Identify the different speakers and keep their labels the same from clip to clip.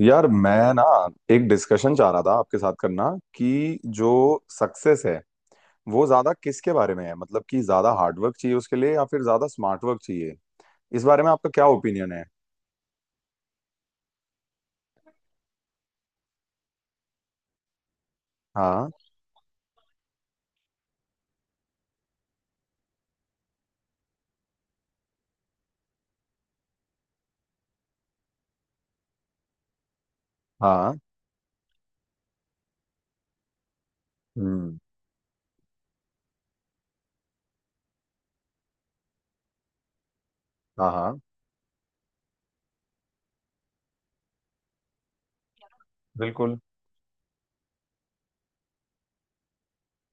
Speaker 1: यार मैं ना एक डिस्कशन चाह रहा था आपके साथ करना कि जो सक्सेस है वो ज्यादा किसके बारे में है, मतलब कि ज्यादा हार्डवर्क चाहिए उसके लिए या फिर ज्यादा स्मार्ट वर्क चाहिए। इस बारे में आपका क्या ओपिनियन है? हाँ। हाँ। हम्म। हाँ हाँ। बिल्कुल।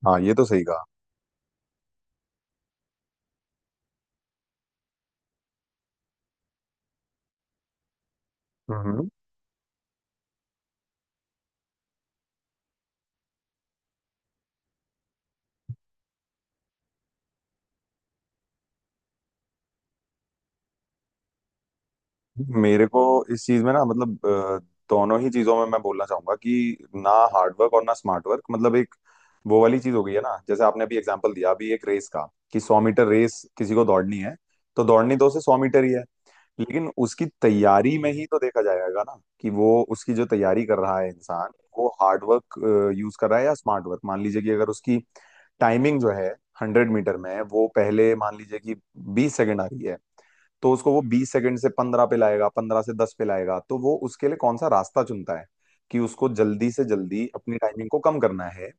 Speaker 1: हाँ, ये तो सही कहा। हम्म। मेरे को इस चीज में ना, मतलब दोनों ही चीजों में मैं बोलना चाहूंगा कि ना हार्ड वर्क और ना स्मार्ट वर्क, मतलब एक वो वाली चीज हो गई है ना। जैसे आपने अभी एग्जांपल दिया अभी एक रेस का कि 100 मीटर रेस किसी को दौड़नी है, तो दौड़नी तो उसे 100 मीटर ही है। लेकिन उसकी तैयारी में ही तो देखा जाएगा ना कि वो उसकी जो तैयारी कर रहा है इंसान, वो हार्ड वर्क यूज कर रहा है या स्मार्ट वर्क। मान लीजिए कि अगर उसकी टाइमिंग जो है 100 मीटर में, वो पहले मान लीजिए कि 20 सेकंड आ रही है, तो उसको वो 20 सेकंड से 15 पे लाएगा, 15 से 10 पे लाएगा, तो वो उसके लिए कौन सा रास्ता चुनता है कि उसको जल्दी से जल्दी अपनी टाइमिंग को कम करना है।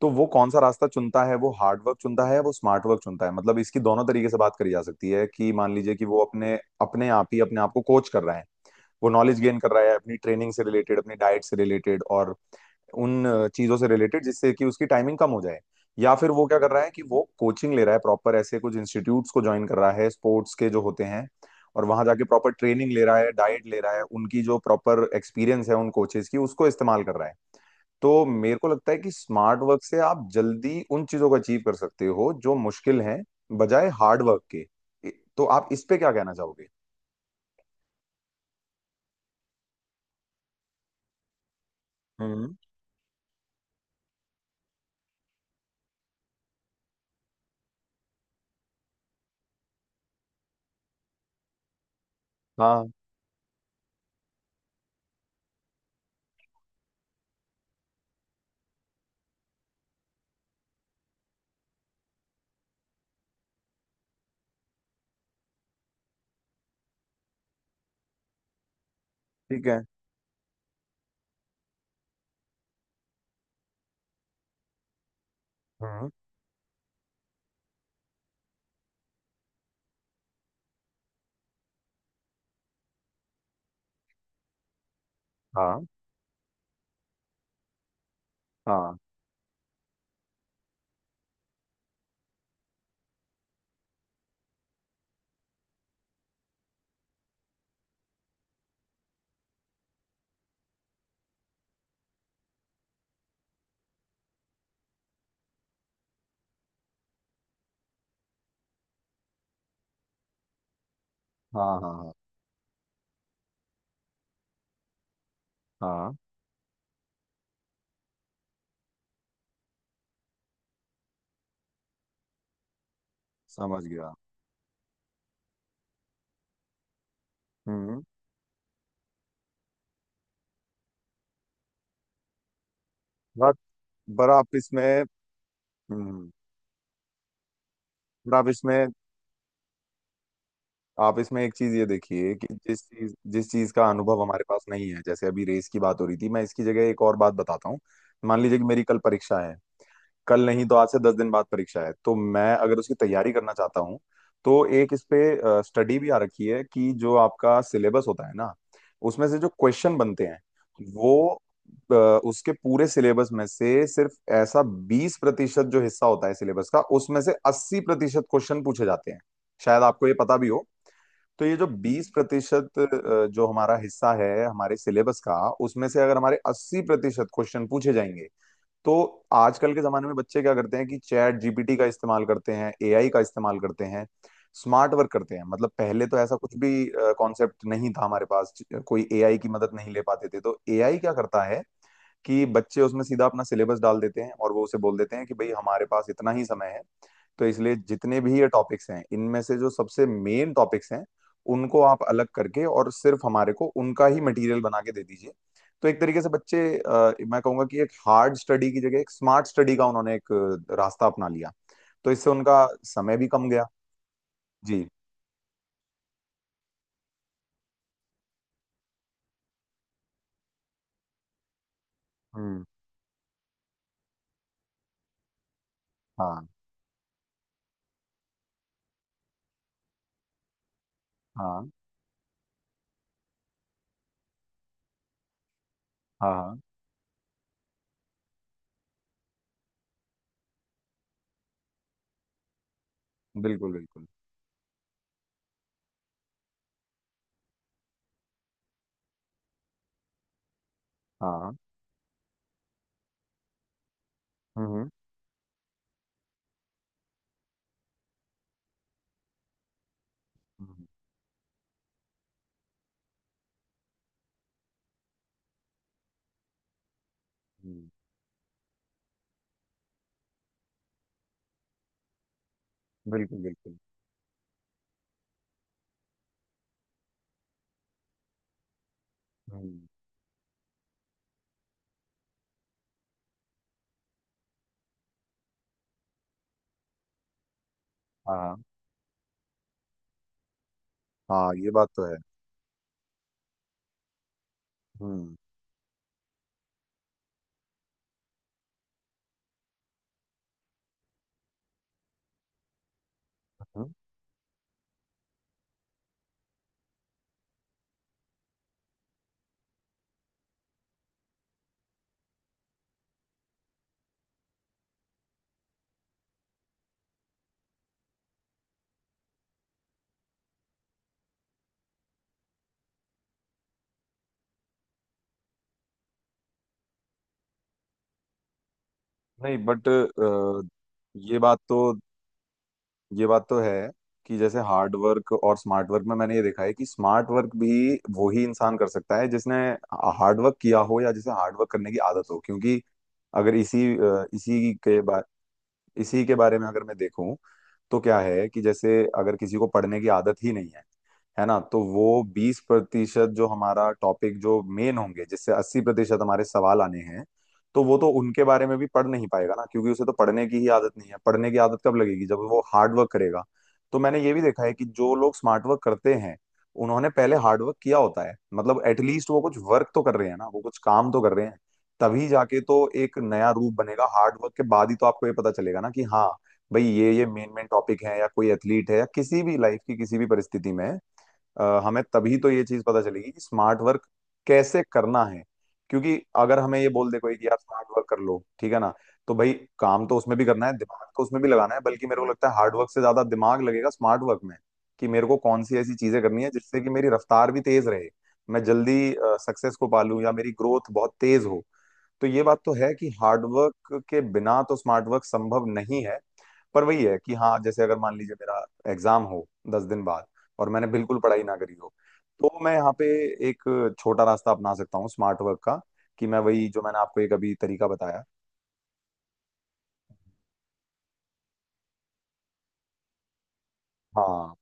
Speaker 1: तो वो कौन सा रास्ता चुनता है, वो हार्ड वर्क चुनता है या वो स्मार्ट वर्क चुनता है, मतलब इसकी दोनों तरीके से बात करी जा सकती है कि मान लीजिए कि वो अपने अपने आप ही अपने आप को कोच कर रहा है, वो नॉलेज गेन कर रहा है अपनी ट्रेनिंग से रिलेटेड, अपनी डाइट से रिलेटेड और उन चीजों से रिलेटेड जिससे कि उसकी टाइमिंग कम हो जाए। या फिर वो क्या कर रहा है कि वो कोचिंग ले रहा है प्रॉपर, ऐसे कुछ इंस्टीट्यूट्स को ज्वाइन कर रहा है स्पोर्ट्स के जो होते हैं, और वहां जाके प्रॉपर ट्रेनिंग ले रहा है, डाइट ले रहा है, उनकी जो प्रॉपर एक्सपीरियंस है उन कोचेस की उसको इस्तेमाल कर रहा है। तो मेरे को लगता है कि स्मार्ट वर्क से आप जल्दी उन चीजों को अचीव कर सकते हो जो मुश्किल हैं, बजाय हार्ड वर्क के। तो आप इस पे क्या कहना चाहोगे? हम्म। हाँ। ठीक है। हम्म। हाँ हाँ हाँ। हाँ हाँ हाँ। समझ गया। हम्म। बात पर आप इसमें हम्म, पर आप इसमें एक चीज ये देखिए कि जिस चीज का अनुभव हमारे पास नहीं है। जैसे अभी रेस की बात हो रही थी, मैं इसकी जगह एक और बात बताता हूँ। मान लीजिए कि मेरी कल परीक्षा है, कल नहीं तो आज से 10 दिन बाद परीक्षा है, तो मैं अगर उसकी तैयारी करना चाहता हूँ। तो एक इस पे स्टडी भी आ रखी है कि जो आपका सिलेबस होता है ना, उसमें से जो क्वेश्चन बनते हैं वो अ, उसके पूरे सिलेबस में से सिर्फ ऐसा 20% जो हिस्सा होता है सिलेबस का, उसमें से 80% क्वेश्चन पूछे जाते हैं, शायद आपको ये पता भी हो। तो ये जो 20% जो हमारा हिस्सा है हमारे सिलेबस का, उसमें से अगर हमारे 80% क्वेश्चन पूछे जाएंगे, तो आजकल के जमाने में बच्चे क्या करते हैं कि चैट जीपीटी का इस्तेमाल करते हैं, एआई का इस्तेमाल करते हैं, स्मार्ट वर्क करते हैं। मतलब पहले तो ऐसा कुछ भी कॉन्सेप्ट नहीं था हमारे पास, कोई एआई की मदद नहीं ले पाते थे। तो एआई क्या करता है कि बच्चे उसमें सीधा अपना सिलेबस डाल देते हैं और वो उसे बोल देते हैं कि भाई हमारे पास इतना ही समय है, तो इसलिए जितने भी ये टॉपिक्स हैं, इनमें से जो सबसे मेन टॉपिक्स हैं उनको आप अलग करके और सिर्फ हमारे को उनका ही मटेरियल बना के दे दीजिए। तो एक तरीके से बच्चे मैं कहूंगा कि एक हार्ड स्टडी की जगह एक स्मार्ट स्टडी का उन्होंने एक रास्ता अपना लिया। तो इससे उनका समय भी कम गया। जी। हम्म। हाँ हाँ हाँ हाँ। बिल्कुल बिल्कुल। हाँ। हम्म। हम्म। हम्म। बिल्कुल बिल्कुल। हम्म। हाँ हाँ। हाँ, ये बात तो है। हम्म। हम्म। नहीं बट ये बात तो ये बात तो है कि जैसे हार्ड वर्क और स्मार्ट वर्क में मैंने ये देखा है कि स्मार्ट वर्क भी वही इंसान कर सकता है जिसने हार्ड वर्क किया हो या जिसे हार्ड वर्क करने की आदत हो। क्योंकि अगर इसी अ, इसी के बा, इसी के बारे में अगर मैं देखूं तो क्या है कि जैसे अगर किसी को पढ़ने की आदत ही नहीं है, है ना, तो वो 20% जो हमारा टॉपिक जो मेन होंगे जिससे 80% हमारे सवाल आने हैं, तो वो तो उनके बारे में भी पढ़ नहीं पाएगा ना, क्योंकि उसे तो पढ़ने की ही आदत नहीं है। पढ़ने की आदत कब लगेगी? जब वो हार्ड वर्क करेगा। तो मैंने ये भी देखा है कि जो लोग स्मार्ट वर्क करते हैं उन्होंने पहले हार्ड वर्क किया होता है, मतलब एटलीस्ट वो कुछ वर्क तो कर रहे हैं ना, वो कुछ काम तो कर रहे हैं, तभी जाके तो एक नया रूप बनेगा। हार्ड वर्क के बाद ही तो आपको ये पता चलेगा ना कि हाँ भाई ये मेन मेन टॉपिक है, या कोई एथलीट है, या किसी भी लाइफ की किसी भी परिस्थिति में हमें तभी तो ये चीज पता चलेगी कि स्मार्ट वर्क कैसे करना है। क्योंकि अगर हमें ये बोल दे कोई कि यार स्मार्ट वर्क कर लो, ठीक है ना, तो भाई काम तो उसमें भी करना है, दिमाग तो उसमें भी लगाना है। बल्कि मेरे को लगता है हार्ड वर्क से ज्यादा दिमाग लगेगा स्मार्ट वर्क में, कि मेरे को कौन सी ऐसी चीजें करनी है जिससे कि मेरी रफ्तार भी तेज रहे, मैं जल्दी सक्सेस को पालूं या मेरी ग्रोथ बहुत तेज हो। तो ये बात तो है कि हार्ड वर्क के बिना तो स्मार्ट वर्क संभव नहीं है। पर वही है कि हाँ, जैसे अगर मान लीजिए मेरा एग्जाम हो 10 दिन बाद और मैंने बिल्कुल पढ़ाई ना करी हो, तो मैं यहाँ पे एक छोटा रास्ता अपना सकता हूँ स्मार्ट वर्क का, कि मैं वही जो मैंने आपको एक अभी तरीका बताया। हाँ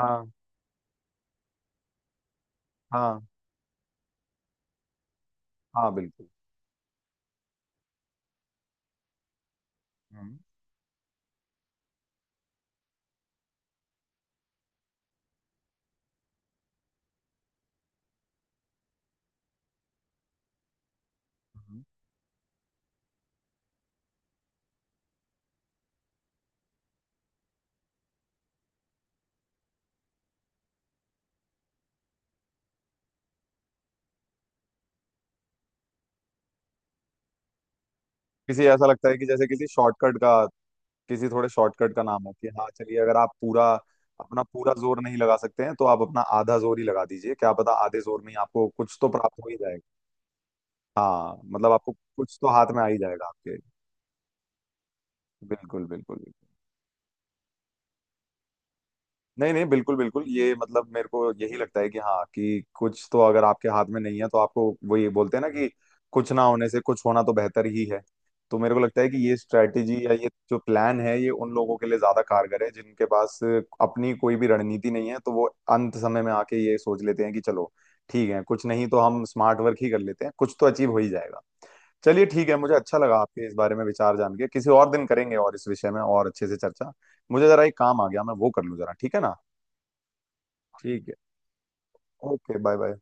Speaker 1: हाँ हाँ। हाँ बिल्कुल। हम्म। हम्म। किसी ऐसा लगता है कि जैसे किसी शॉर्टकट का, किसी थोड़े शॉर्टकट का नाम हो कि हाँ चलिए, अगर आप पूरा अपना पूरा जोर नहीं लगा सकते हैं तो आप अपना आधा जोर ही लगा दीजिए, क्या पता आधे जोर में ही आपको कुछ तो प्राप्त हो ही जाएगा। हाँ, मतलब आपको कुछ तो हाथ में आ ही जाएगा आपके। बिल्कुल बिल्कुल बिल्कुल। नहीं नहीं, बिल्कुल बिल्कुल, ये मतलब मेरे को यही लगता है कि हाँ, कि कुछ तो अगर आपके हाथ में नहीं है तो आपको वही बोलते हैं ना कि कुछ ना होने से कुछ होना तो बेहतर ही है। तो मेरे को लगता है कि ये स्ट्रैटेजी या ये जो प्लान है ये उन लोगों के लिए ज्यादा कारगर है जिनके पास अपनी कोई भी रणनीति नहीं है, तो वो अंत समय में आके ये सोच लेते हैं कि चलो ठीक है, कुछ नहीं तो हम स्मार्ट वर्क ही कर लेते हैं, कुछ तो अचीव हो ही जाएगा। चलिए ठीक है, मुझे अच्छा लगा आपके इस बारे में विचार जान के। किसी और दिन करेंगे और इस विषय में और अच्छे से चर्चा। मुझे जरा एक काम आ गया, मैं वो कर लूँ जरा, ठीक है ना? ठीक है। Okay bye bye.